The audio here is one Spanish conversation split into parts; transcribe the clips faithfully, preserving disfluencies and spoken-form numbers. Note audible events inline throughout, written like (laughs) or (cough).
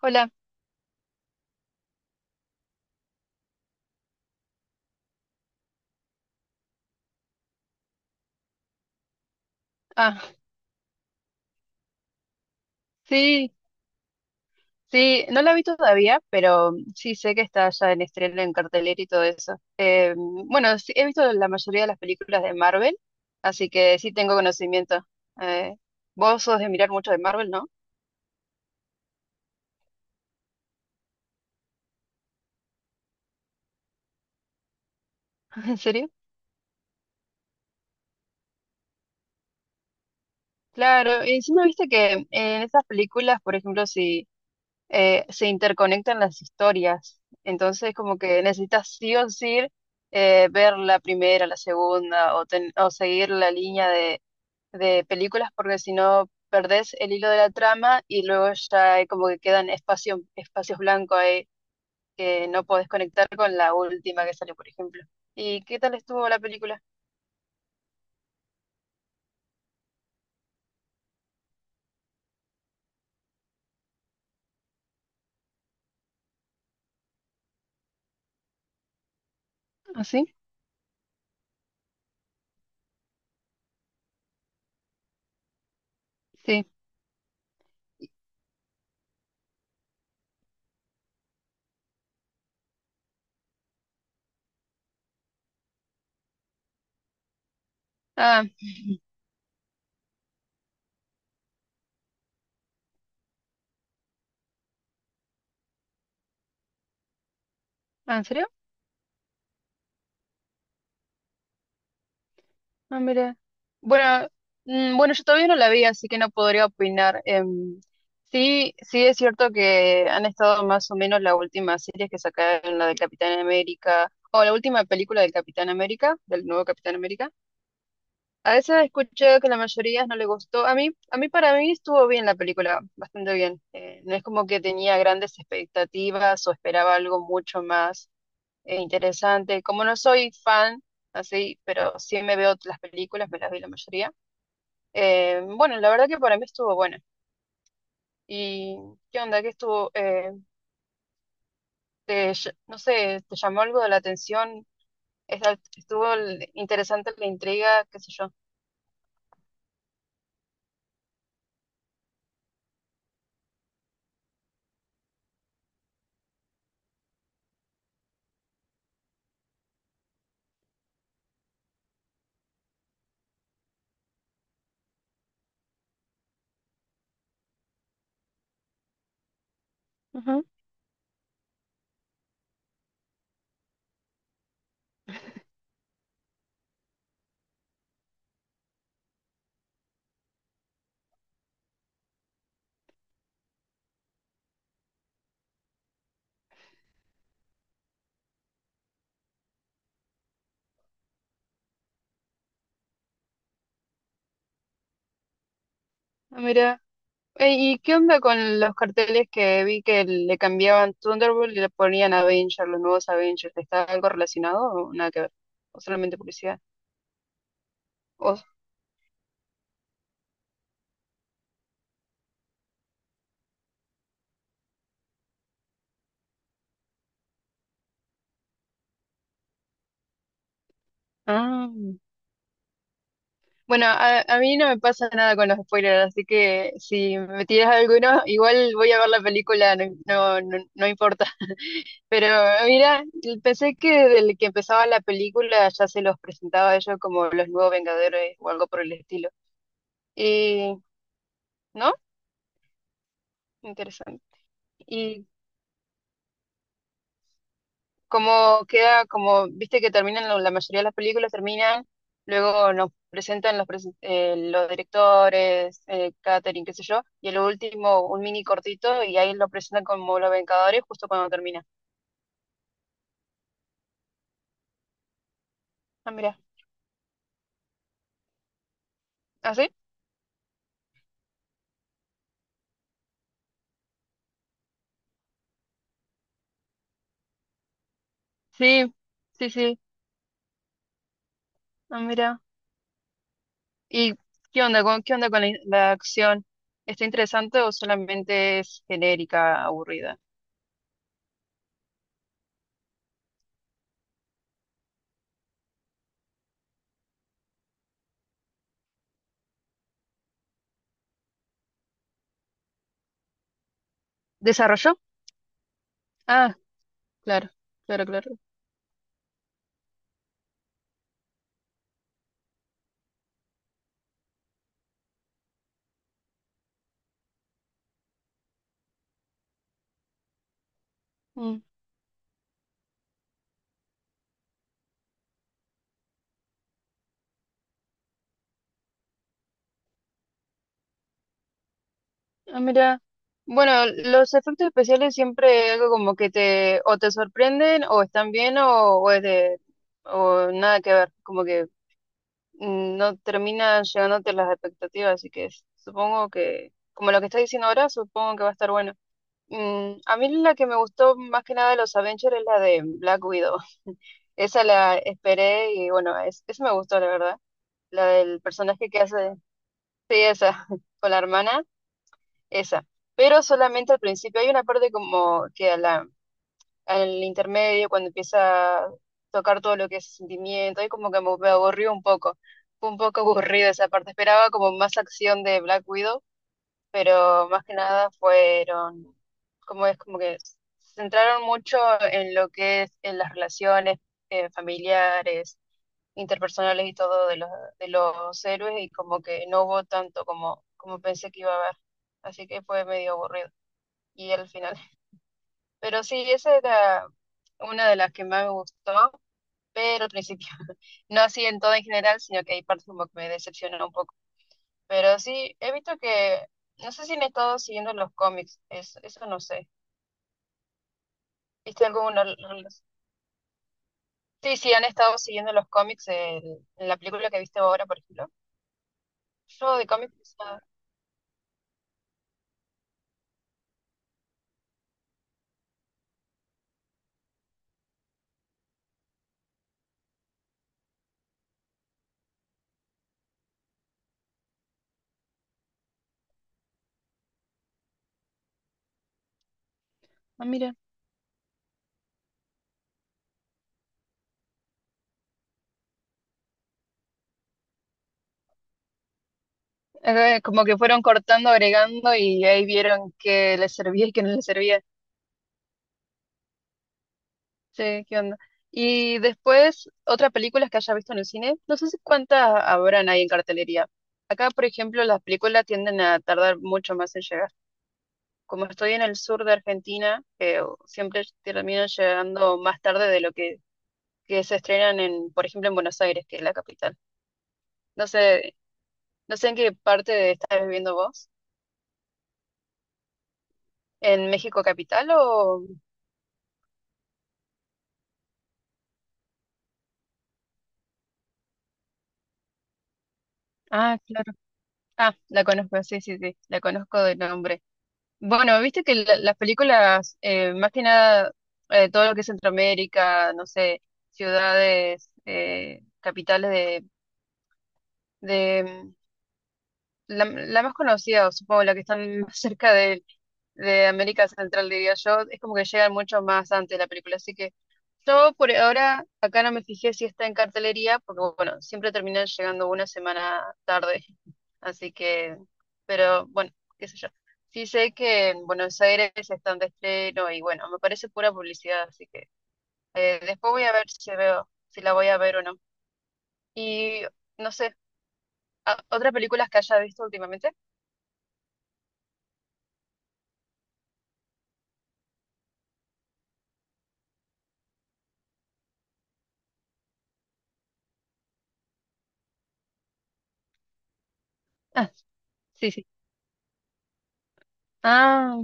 Hola. Ah, sí, sí, no la vi todavía, pero sí sé que está ya en estreno, en cartelera y todo eso. Eh, bueno, sí, he visto la mayoría de las películas de Marvel, así que sí tengo conocimiento. Eh, vos sos de mirar mucho de Marvel, ¿no? (laughs) ¿En serio? Claro, y encima viste que en esas películas, por ejemplo, si eh, se interconectan las historias. Entonces, como que necesitas sí o sí eh, ver la primera, la segunda, o, ten- o seguir la línea de, de películas, porque si no, perdés el hilo de la trama y luego ya hay como que quedan espacio, espacios blancos ahí que no podés conectar con la última que sale, por ejemplo. ¿Y qué tal estuvo la película? ¿Ah, sí? Sí. Ah, ¿en serio? Ah, mira. Bueno, mm, bueno, yo todavía no la vi, así que no podría opinar. Em, sí, sí es cierto que han estado más o menos las últimas series que sacaron, la del Capitán América, o la última película del Capitán América, del nuevo Capitán América. A esa he escuchado que la mayoría no le gustó. A mí, a mí para mí estuvo bien la película, bastante bien. Eh, no es como que tenía grandes expectativas o esperaba algo mucho más. Eh, interesante. Como no soy fan, así, pero sí me veo las películas, me las vi la mayoría. Eh, bueno, la verdad que para mí estuvo buena. ¿Y qué onda? ¿Qué estuvo? Eh, te ll- no sé, ¿te llamó algo de la atención? Es al- ¿Estuvo el- interesante la intriga? ¿Qué sé yo? Ajá. Ah, mira. Eh, ¿y qué onda con los carteles que vi que le cambiaban Thunderbolt y le ponían Avengers, los nuevos Avengers? ¿Está algo relacionado o nada que ver? ¿O solamente publicidad? ¿O- Ah. Bueno, a, a mí no me pasa nada con los spoilers, así que si me tiras alguno, igual voy a ver la película, no, no, no, no importa. (laughs) Pero mira, pensé que desde que empezaba la película ya se los presentaba a ellos como los nuevos Vengadores o algo por el estilo. Y, ¿no? Interesante. Y como queda, como viste que terminan, lo- la mayoría de las películas terminan, luego nos presentan los, presen- eh, los directores, eh, catering, qué sé yo, y el último, un mini cortito, y ahí lo presentan como Los Vengadores justo cuando termina. Ah, mira, ¿ah, sí? Sí, sí, sí, ah, mira. ¿Y qué onda con, qué onda con la, in- la acción? ¿Está interesante o solamente es genérica, aburrida? ¿Desarrolló? Ah, claro, claro, claro. Ah, mira, bueno, los efectos especiales siempre es algo como que te o te sorprenden o están bien o, o es de o nada que ver, como que mm, no terminan llegándote las expectativas, así que s- supongo que como lo que estás diciendo ahora, supongo que va a estar bueno. Mm, a mí la que me gustó más que nada de los Avengers es la de Black Widow. (laughs) Esa la esperé y bueno, es, esa me gustó, la verdad. La del personaje que hace, sí, esa, (laughs) con la hermana. Esa. Pero solamente al principio. Hay una parte como que a la, al intermedio, cuando empieza a tocar todo lo que es sentimiento, ahí como que me, me aburrió un poco. Fue un poco (laughs) aburrida esa parte. Esperaba como más acción de Black Widow, pero más que nada fueron, como es como que se centraron mucho en lo que es en las relaciones eh, familiares, interpersonales y todo de los, de los, héroes y como que no hubo tanto como, como pensé que iba a haber. Así que fue medio aburrido y al final. (laughs) Pero sí, esa era una de las que más me gustó, pero al principio. (laughs) No así en todo en general, sino que hay partes como que me decepcionó un poco. Pero sí, he visto que, no sé si han estado siguiendo los cómics, es, eso no sé. ¿Viste alguno? Sí, sí, han estado siguiendo los cómics el- en la película que viste ahora, por ejemplo. Yo de cómics... Ah. Ah, mira, Eh, como que fueron cortando, agregando y ahí vieron que les servía y que no les servía. Sí, ¿qué onda? Y después, otras películas que haya visto en el cine, no sé si cuántas habrán ahí en cartelería. Acá, por ejemplo, las películas tienden a tardar mucho más en llegar. Como estoy en el sur de Argentina, que siempre terminan llegando más tarde de lo que, que se estrenan en, por ejemplo, en Buenos Aires, que es la capital. No sé, no sé en qué parte estás viviendo vos. ¿En México capital o...? Ah, claro. Ah, la conozco, sí, sí, sí, la conozco de nombre. Bueno, viste que la- las películas, eh, más que nada, eh, todo lo que es Centroamérica, no sé, ciudades, eh, capitales de, de mm, la, la más conocida, o supongo la que están más cerca de América Central, diría yo, es como que llegan mucho más antes la película. Así que yo por ahora acá no me fijé si está en cartelería, porque bueno, siempre terminan llegando una semana tarde. Así que, pero bueno, qué sé yo. Sí sé que en Buenos Aires están de estreno y bueno, me parece pura publicidad, así que eh, después voy a ver si veo, si la voy a ver o no. Y no sé, ¿a- ¿otras películas que haya visto últimamente? Ah, sí, sí. Ah.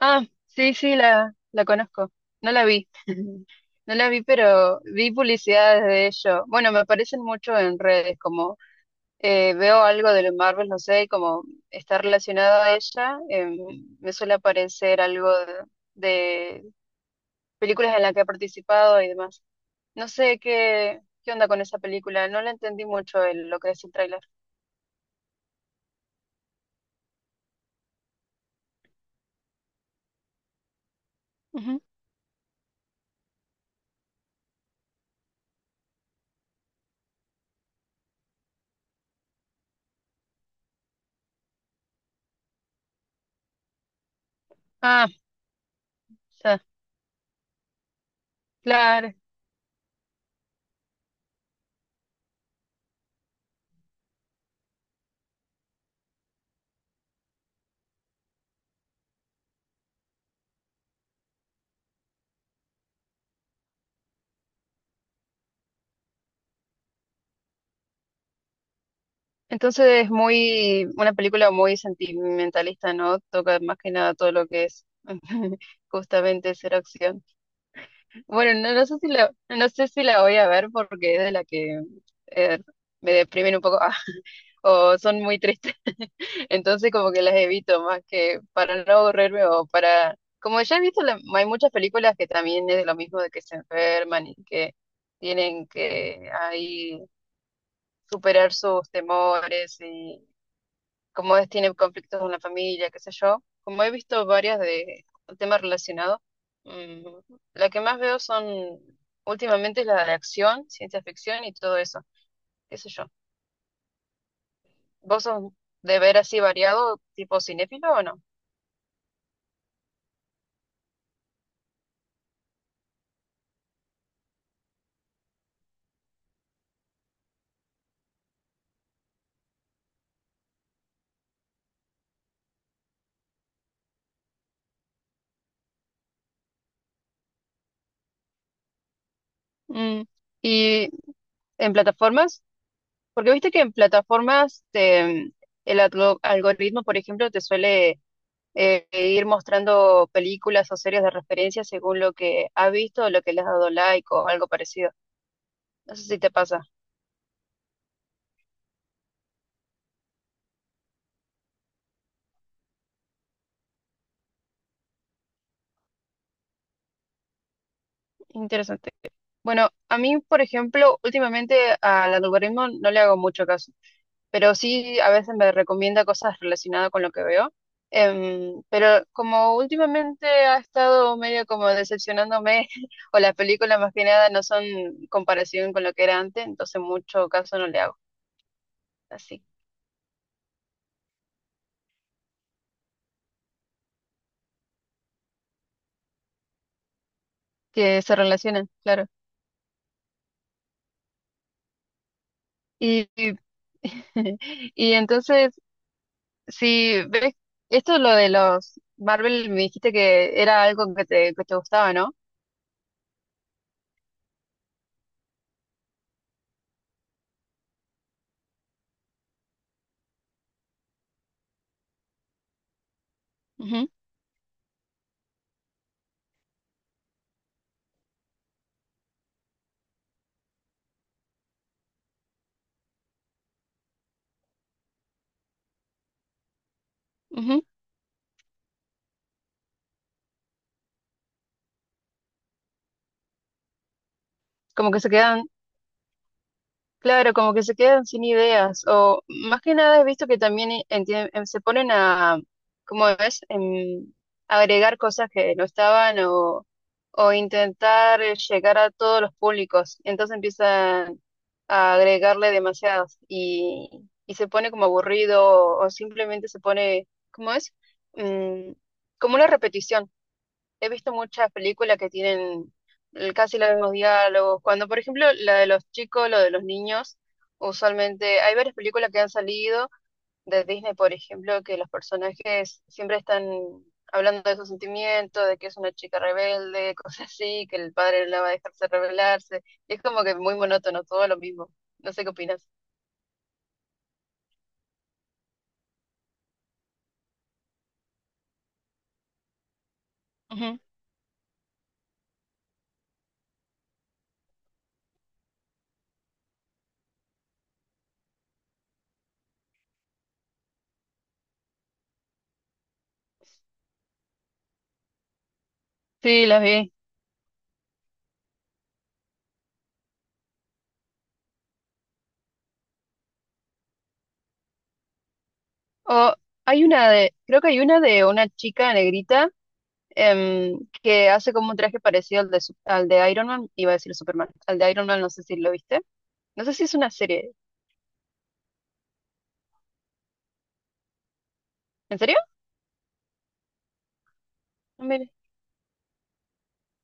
Ah, sí, sí, la, la conozco. No la vi. (laughs) No la vi, pero vi publicidades de ello. Bueno, me aparecen mucho en redes, como eh, veo algo de los Marvel, no sé, y como está relacionado a ella, em, me suele aparecer algo de, de películas en las que ha participado y demás. No sé qué, qué onda con esa película, no la entendí mucho el- lo que es el tráiler. Ujú. Ah, ya, claro. Entonces es muy, una película muy sentimentalista, ¿no? Toca más que nada todo lo que es (laughs) justamente ser acción. Bueno, no, no sé si la, no sé si la voy a ver porque es de la que eh, me deprimen un poco, (laughs) ah, o son muy tristes. (laughs) Entonces como que las evito más que para no aburrirme o para... Como ya he visto, la- hay muchas películas que también es de lo mismo, de que se enferman y que tienen que ahí superar sus temores como es, tiene conflictos con la familia, qué sé yo. Como he visto varias de un tema relacionado, mm, la que más veo son últimamente es la de acción, ciencia ficción y todo eso, qué sé yo. ¿Vos sos de ver así variado, tipo cinéfilo o no? Mm, ¿Y en plataformas? Porque viste que en plataformas te- el algo- algoritmo, por ejemplo, te suele eh, ir mostrando películas o series de referencia según lo que ha visto o lo que le has dado like o algo parecido. No sé si te pasa. Interesante. Bueno, a mí, por ejemplo, últimamente al algoritmo no le hago mucho caso, pero sí a veces me recomienda cosas relacionadas con lo que veo. Em, pero como últimamente ha estado medio como decepcionándome, (laughs) o las películas más que nada no son comparación con lo que era antes, entonces mucho caso no le hago. Así que se relacionan, claro. Y, (laughs) y entonces sí, ves, esto lo de los Marvel me dijiste que era algo que te, que te gustaba, ¿no? Ujú, ujú. Como que se quedan Claro, como que se quedan sin ideas. O más que nada he visto que también eh, entien- em, se ponen a, como ves, Em, agregar cosas que no estaban o, o intentar eh, llegar a todos los públicos. Entonces empiezan a agregarle demasiadas y, y se pone como aburrido o, simplemente se pone, ¿cómo es? Mm, como una repetición. He visto muchas películas que tienen eh, casi los mismos diálogos. Cuando, por ejemplo, la de los chicos, lo de los niños, usualmente hay varias películas que han salido de Disney, por ejemplo, que los personajes siempre están hablando de sus sentimientos, de que es una chica rebelde, (laughs) cosas así, que el padre no la va a dejarse rebelarse. Y es como que muy monótono, todo lo mismo. No sé qué opinas. Ujú. Sí, las vi. O hay una de, creo que hay una de una chica negrita. Em, que hace como un traje parecido al de, Sup- al de Iron Man, iba a decir Superman, al de Iron Man, no sé si lo viste, no sé si es una serie, ¿en serio? Ah, mire.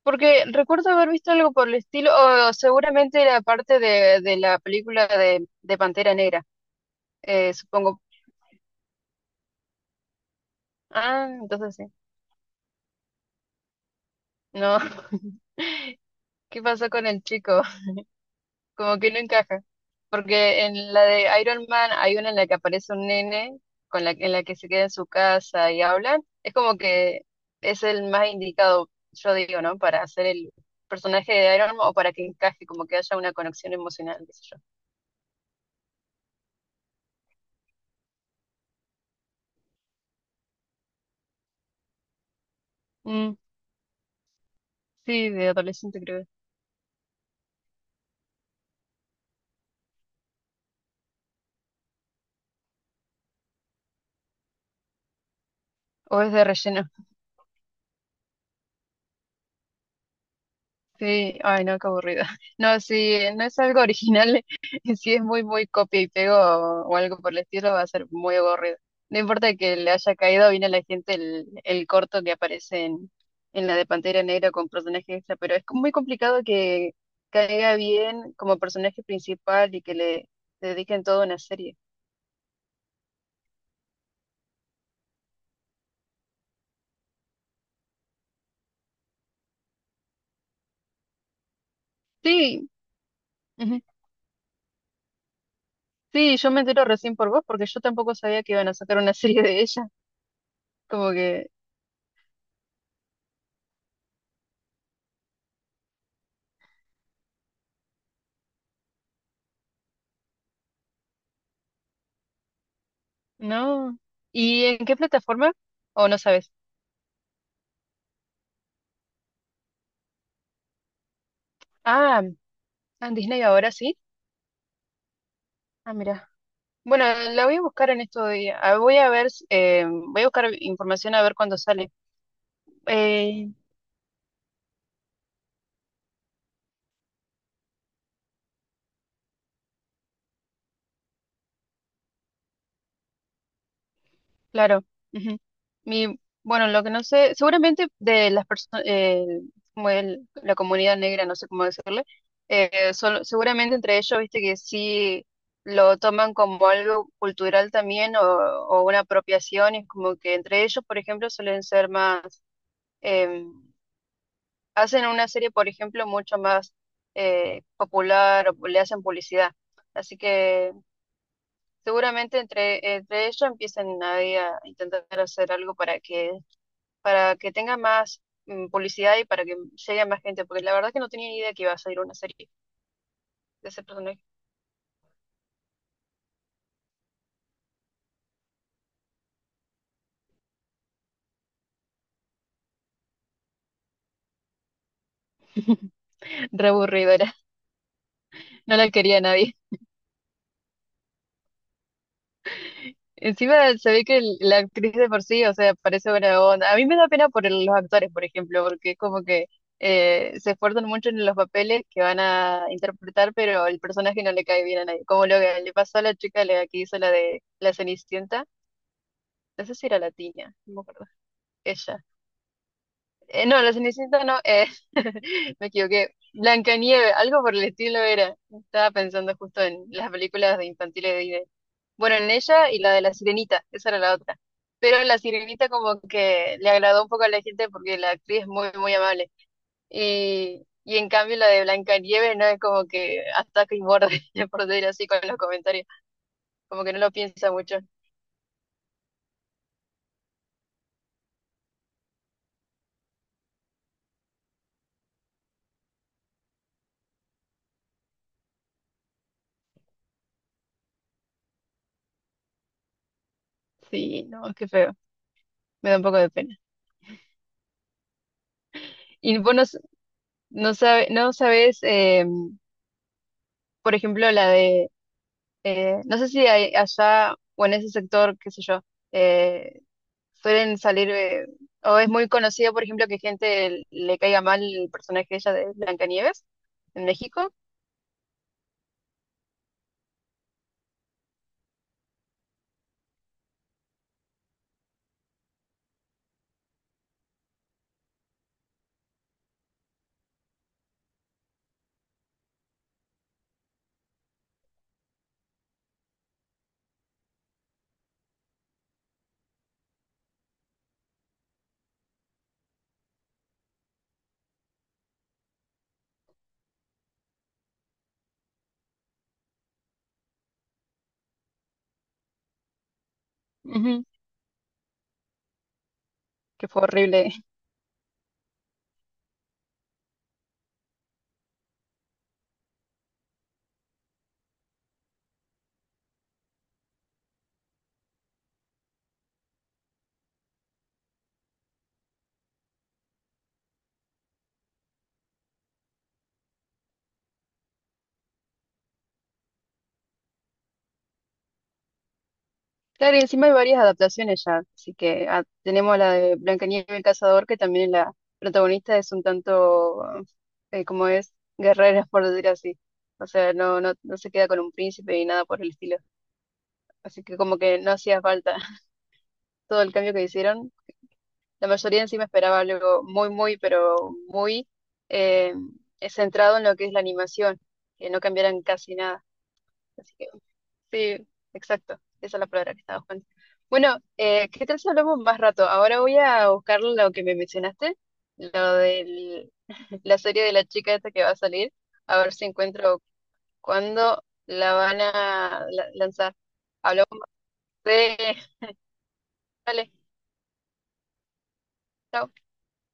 Porque recuerdo haber visto algo por el estilo, o seguramente era parte de, de la película de, de Pantera Negra, eh, supongo. Ah, entonces sí. No, (laughs) ¿qué pasó con el chico? Como que no encaja. Porque en la de Iron Man hay una en la que aparece un nene con la, en la que se queda en su casa y hablan. Es como que es el más indicado, yo digo, ¿no? Para hacer el personaje de Iron Man o para que encaje, como que haya una conexión emocional, qué sé yo. Mm, sí, de adolescente creo. O es de relleno. Sí, ay no, qué aburrido. (laughs) No, si no es algo original, (laughs) si es muy, muy copia y pego o algo por el estilo, va a ser muy aburrido. No importa que le haya caído bien a la gente el, el corto que aparece en, en la de Pantera Negra con personaje extra, pero es como muy complicado que caiga bien como personaje principal y que le dediquen toda una serie. Sí, ujú. Sí, yo me entero recién por vos porque yo tampoco sabía que iban a sacar una (laughs) serie de ella. Como que no. ¿Y en qué plataforma? ¿O no sabes? Ah, en Disney ahora sí. Ah, mira. Bueno, la voy a buscar en estos días. Ah, voy a ver, s- eh, voy a buscar información a ver cuándo sale. Eh, Claro. Ujú. Mi, bueno, lo que no sé, seguramente de las personas, como el- la comunidad negra, no sé cómo decirle, eh, solo- seguramente entre ellos, viste que sí lo toman como algo cultural también o, o una apropiación, y como que entre ellos, por ejemplo, suelen ser más, eh, hacen una serie, por ejemplo, mucho más eh, popular o le hacen publicidad. Así que seguramente entre, entre ellos empiezan ahí a intentar hacer algo para que para que tenga más mm, publicidad y para que llegue a más gente, porque la verdad que no tenía ni idea que iba a salir una serie de ese personaje. (laughs) Re aburrido era, no la quería nadie. Encima se ve que el- la actriz de por sí, o sea, parece buena onda. A mí me da pena por el- los actores, por ejemplo, porque es como que eh, se esfuerzan mucho en los papeles que van a interpretar, pero el personaje no le cae bien a nadie. Como lo que le pasó a la chica la que hizo la de la Cenicienta, no sé si era latina, no me acuerdo. Ella. Eh, no, la Cenicienta no, eh, (laughs) me equivoqué. Blancanieves, algo por el estilo era. Estaba pensando justo en las películas de infantiles de Disney. Bueno, en ella y la de la Sirenita, esa era la otra. Pero la Sirenita como que le agradó un poco a la gente porque la actriz es muy, muy amable. Y, y en cambio la de Blancanieves no es como que ataca y morde, (laughs) por decir así, con los comentarios. Como que no lo piensa mucho. Sí, no, qué feo. Me da un poco de pena. Y vos no, s- no, sabe- no sabes eh, por ejemplo, la de, eh, no sé si hay allá o en ese sector, qué sé yo, eh, suelen salir, eh, o es muy conocido, por ejemplo, que gente le caiga mal el personaje de ella de Blancanieves en México. Ujú. Que fue horrible. (laughs) Claro, y encima hay varias adaptaciones ya, así que ah, tenemos la de Blancanieves el cazador, que también la protagonista es un tanto, eh, como es, guerrera, (laughs) por decir así. O sea, no, no, no se queda con un príncipe ni nada por el estilo. Así que como que no hacía falta todo el cambio que hicieron. La mayoría en sí me esperaba algo muy, muy, pero muy eh, centrado en lo que es la animación, que no cambiaran casi nada. Así que sí, exacto, esa es la palabra que estaba buscando. Bueno, eh, ¿qué tal si hablamos más rato? Ahora voy a buscar lo que me mencionaste, lo de (laughs) la serie de la chica esta que va a salir, a ver si encuentro cuándo la van a la- lanzar. Hablamos más de... Dale, chao.